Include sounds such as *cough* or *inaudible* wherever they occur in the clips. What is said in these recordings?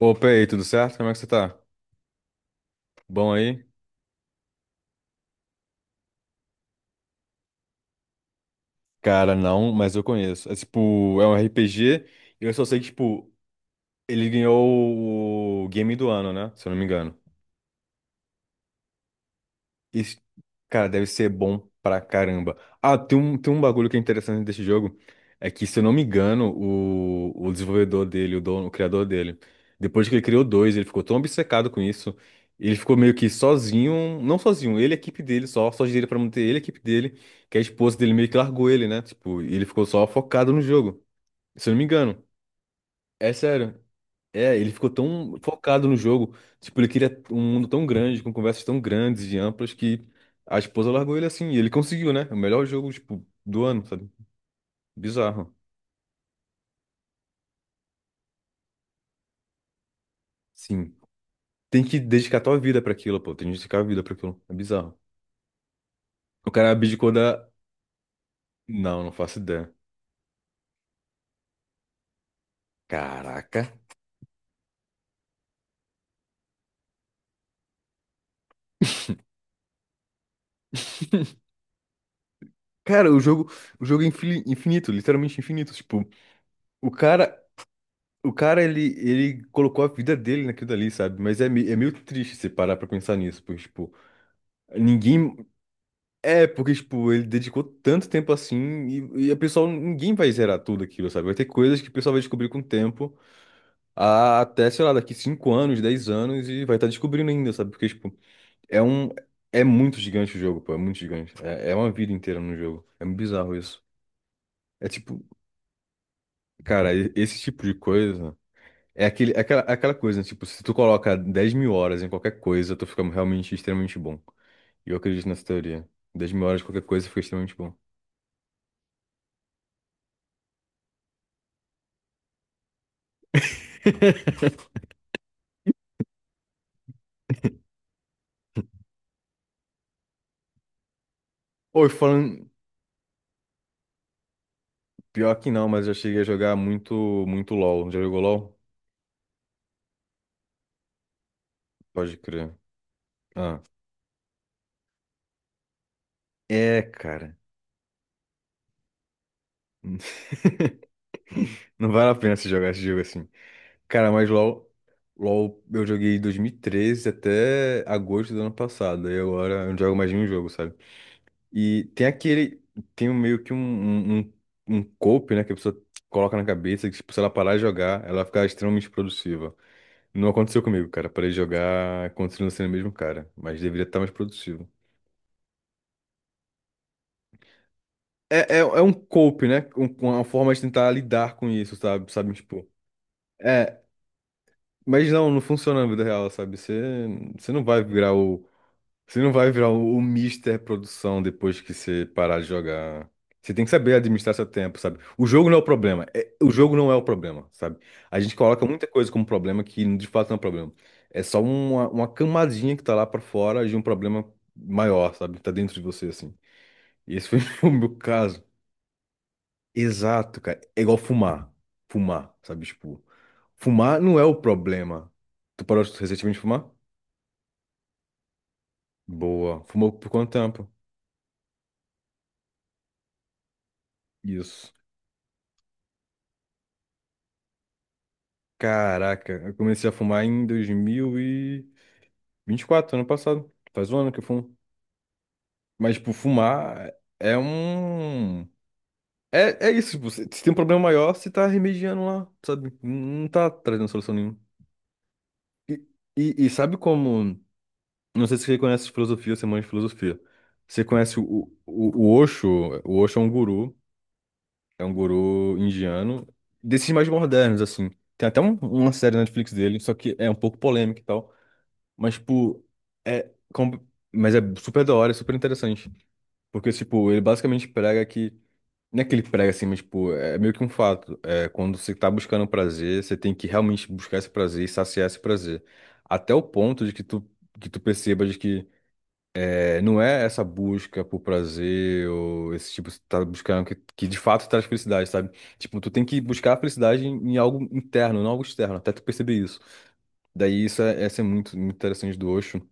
Opa, e aí, tudo certo? Como é que você tá? Bom aí? Cara, não, mas eu conheço. É tipo, é um RPG e eu só sei que, tipo, ele ganhou o Game do Ano, né? Se eu não me engano. Isso, cara, deve ser bom pra caramba. Ah, tem um bagulho que é interessante desse jogo. É que, se eu não me engano, o desenvolvedor dele, o dono, o criador dele, depois que ele criou dois, ele ficou tão obcecado com isso. Ele ficou meio que sozinho, não sozinho, ele e a equipe dele só dele pra manter ele e a equipe dele, que a esposa dele meio que largou ele, né? Tipo, e ele ficou só focado no jogo. Se eu não me engano. É sério. É, ele ficou tão focado no jogo. Tipo, ele queria um mundo tão grande, com conversas tão grandes e amplas, que a esposa largou ele assim. E ele conseguiu, né? É o melhor jogo, tipo, do ano, sabe? Bizarro. Sim. Tem que dedicar tua vida pra aquilo, pô. Tem que dedicar a vida pra aquilo. É bizarro. O cara abdicou da. Não, não faço ideia. Caraca. Cara, o jogo, é infinito, literalmente infinito. Tipo, o cara, o cara ele colocou a vida dele naquilo dali, sabe? Mas é meio triste você parar pra pensar nisso, porque, tipo, ninguém. É, porque, tipo, ele dedicou tanto tempo assim e a pessoa, ninguém vai zerar tudo aquilo, sabe? Vai ter coisas que o pessoal vai descobrir com o tempo, até, sei lá, daqui 5 anos, 10 anos e vai estar descobrindo ainda, sabe? Porque, tipo, é um, é muito gigante o jogo, pô, é muito gigante. É uma vida inteira no jogo. É muito bizarro isso. É tipo, cara, esse tipo de coisa é aquele, é aquela coisa, né? Tipo, se tu coloca 10 mil horas em qualquer coisa, tu fica realmente extremamente bom. E eu acredito nessa teoria. 10 mil horas em qualquer coisa fica extremamente bom. *laughs* Oi, falando. Pior que não, mas eu cheguei a jogar muito, muito LOL. Já jogou LOL? Pode crer. Ah. É, cara. *laughs* Não vale a pena você jogar esse jogo assim. Cara, mas LOL. LOL eu joguei em 2013 até agosto do ano passado. Aí agora eu não jogo mais nenhum jogo, sabe? E tem aquele. Tem um- meio que um, um, um um cope, né? Que a pessoa coloca na cabeça que, tipo, se ela parar de jogar, ela fica extremamente produtiva. Não aconteceu comigo, cara. Parei de jogar, continuo sendo o mesmo cara. Mas deveria estar mais produtivo. É, é, é um cope, né? Com uma forma de tentar lidar com isso sabe? Sabe, tipo. É, mas não, não funciona na vida real, sabe? Você, você não vai virar o. Você não vai virar o Mister Produção depois que você parar de jogar. Você tem que saber administrar seu tempo, sabe? O jogo não é o problema. É- o jogo não é o problema, sabe? A gente coloca muita coisa como problema que de fato não é um problema. É só uma camadinha que tá lá pra fora de um problema maior, sabe? Tá dentro de você, assim. E esse foi *laughs* o meu caso. Exato, cara. É igual fumar. Fumar, sabe? Tipo, fumar não é o problema. Tu parou recentemente de fumar? Boa. Fumou por quanto tempo? Isso. Caraca, eu comecei a fumar em 2024, ano passado. Faz um ano que eu fumo. Mas, tipo, fumar é um. É, é isso, tipo, se se tem um problema maior, você tá remediando lá, sabe? Não tá trazendo solução nenhuma. E, e sabe como. Não sei se você conhece filosofia, você manja de filosofia. Você conhece o Osho? O Osho é um guru indiano, desses mais modernos, assim. Tem até um- uma série na Netflix dele, só que é um pouco polêmica e tal. Mas, tipo, é, com- mas é super da hora, é super interessante. Porque, tipo, ele basicamente prega que. Não é que ele prega assim, mas, tipo, é meio que um fato. É, quando você tá buscando prazer, você tem que realmente buscar esse prazer e saciar esse prazer. Até o ponto de que tu percebas que. É, não é essa busca por prazer ou esse tipo, você tá buscando que de fato traz felicidade, sabe? Tipo, tu tem que buscar a felicidade em, em algo interno, não algo externo, até tu perceber isso. Daí isso é, essa é muito, muito interessante do Osho.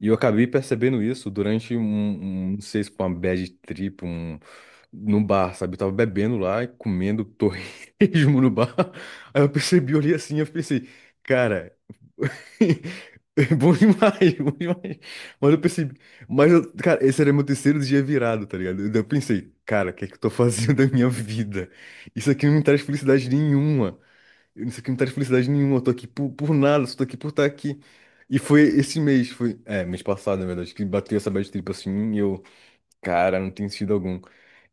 E eu acabei percebendo isso durante um, um- não sei se foi uma bad trip, um, no bar, sabe? Eu tava bebendo lá e comendo torresmo *laughs* no bar. Aí eu percebi, olhei assim, eu pensei, cara, *laughs* é bom demais, *laughs* bom demais. Mas eu percebi, mas eu, cara, esse era meu terceiro dia virado, tá ligado? Daí Eu pensei, cara, o que é que eu tô fazendo da minha. Vida? Isso aqui não me traz felicidade nenhuma. Isso aqui não traz felicidade nenhuma, eu tô aqui por nada, só tô aqui por estar aqui. E foi esse mês, foi, é, mês passado, na verdade, que bateu essa bad trip assim, e eu, cara, não tem sentido algum.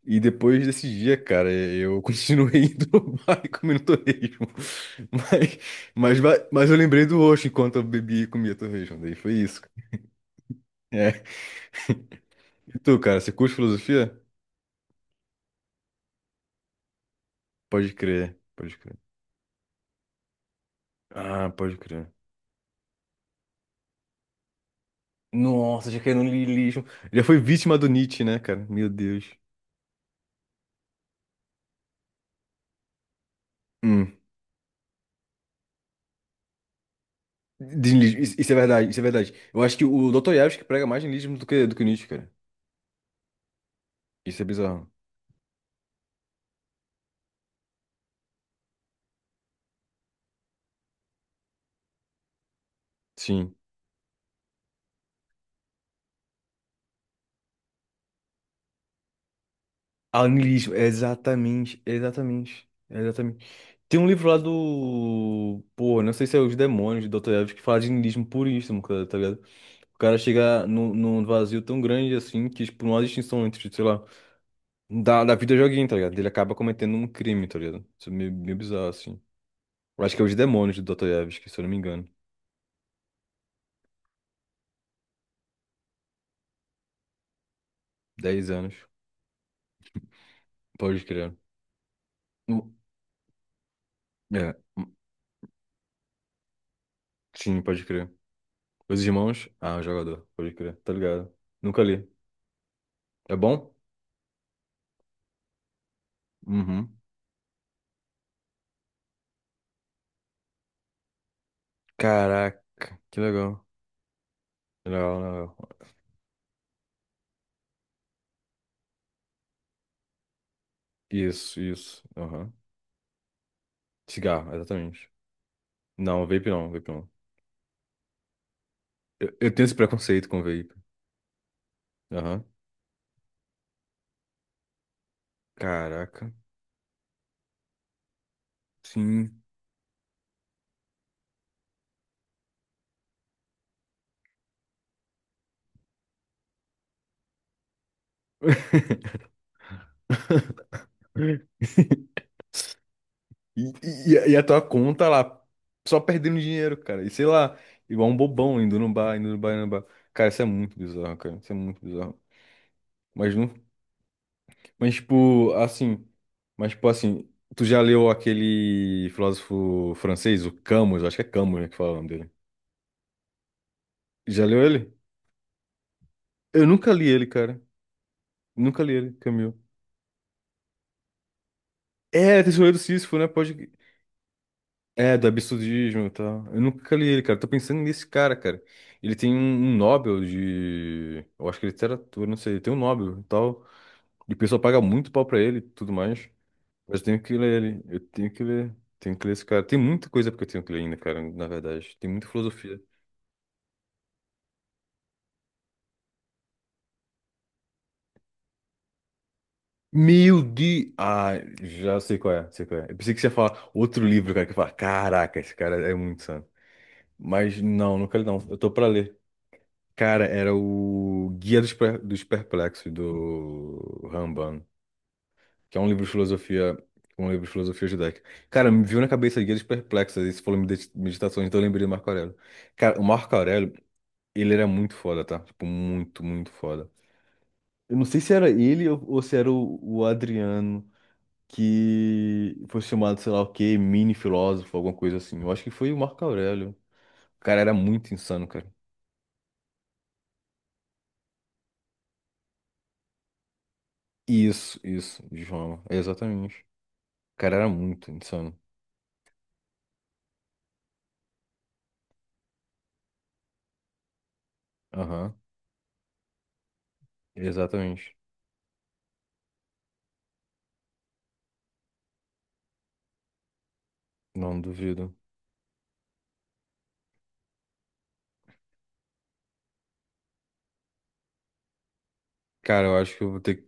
E depois desse dia, cara, eu *laughs* continuei indo no bar e comendo torresmo. *laughs* Mas, mas, va- mas eu lembrei do Osho enquanto eu bebia e comia torresmo, daí foi isso. cara. É. *laughs* E tu, cara, você curte filosofia? Pode crer, pode crer. Ah, pode crer. Nossa, já caiu no niilismo. Já foi vítima do Nietzsche, né, cara? Meu Deus. Hum. de niilismo. Isso isso é verdade, isso é verdade. Eu acho que o doutor Yavis que prega mais niilismo do que Nietzsche, cara. Isso é bizarro. Sim. Ah, niilismo, exatamente, exatamente, exatamente. Tem um livro lá do. Pô, não sei se é Os Demônios do doutor Yavis que fala de niilismo puríssimo, cara, tá ligado? O cara chega num, num vazio tão grande assim que, tipo, não há distinção entre, sei lá, da, da vida joguinho, tá ligado? Ele acaba cometendo um crime, tá ligado? Isso é meio, meio bizarro, assim. Eu acho que é Os Demônios do doutor Yavis, que se eu não me engano. 10 anos. Pode crer. É, sim, pode crer. Os Irmãos? Ah, o jogador, pode crer, tá ligado? Nunca li. É bom? Uhum. Caraca, que legal. Legal, legal. Isso, isso. Aham. Cigarro, exatamente. Não, vape não, vape não. Eu tenho esse preconceito com vape. Aham. Caraca, sim. *laughs* E, e a tua conta lá, só perdendo dinheiro, cara. E sei lá, igual um bobão indo no bar, indo no bar, indo no bar. Cara, isso é muito bizarro, cara. Isso é muito bizarro. Mas no Mas, tipo, assim. Mas, tipo, assim. Tu já leu aquele filósofo francês, o Camus? Acho que é Camus, né, que fala o nome dele. Já leu ele? Eu nunca li ele, cara. Nunca li ele, Camille. É, é Tesoureiro do Sísifo, né? Pode. É, do absurdismo e tal. Eu nunca li ele, cara. Tô pensando nesse cara, cara. Ele tem um, um Nobel de. Eu acho que é literatura, não sei. Ele tem um Nobel e tal. E o pessoal paga muito pau pra ele e tudo mais. Mas eu tenho que ler ele. Eu tenho que ler. Tenho que ler esse cara. Tem muita coisa porque eu tenho que ler ainda, cara, na verdade. Tem muita filosofia. Meu de... Ah, já sei qual é, sei qual é. Eu pensei que você ia falar outro livro, cara, que eu ia falar, caraca, esse cara é muito santo. Mas não, não quero não. Eu tô pra ler. Cara, era o Guia dos, Per- dos Perplexos, do Ramban, que é um livro de filosofia, um livro de filosofia judaica. Cara, me viu na cabeça Guia dos Perplexos, aí você falou medita- meditações, então eu lembrei do Marco Aurélio. Cara, o Marco Aurélio, Ele era muito foda, tá? Tipo, muito, muito foda. Eu não sei se era ele ou se era o Adriano, que foi chamado, sei lá o quê, mini filósofo, alguma coisa assim. Eu acho que foi o Marco Aurélio. O cara era muito insano, cara. Isso, João. Exatamente. O cara era muito insano. Aham, exatamente. Não duvido. Cara, eu acho que eu vou ter que.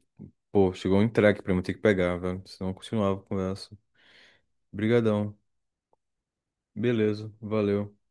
Pô, chegou um entregue pra mim, eu ter que pegar, velho. Senão eu continuava a conversa. Brigadão. Beleza, valeu.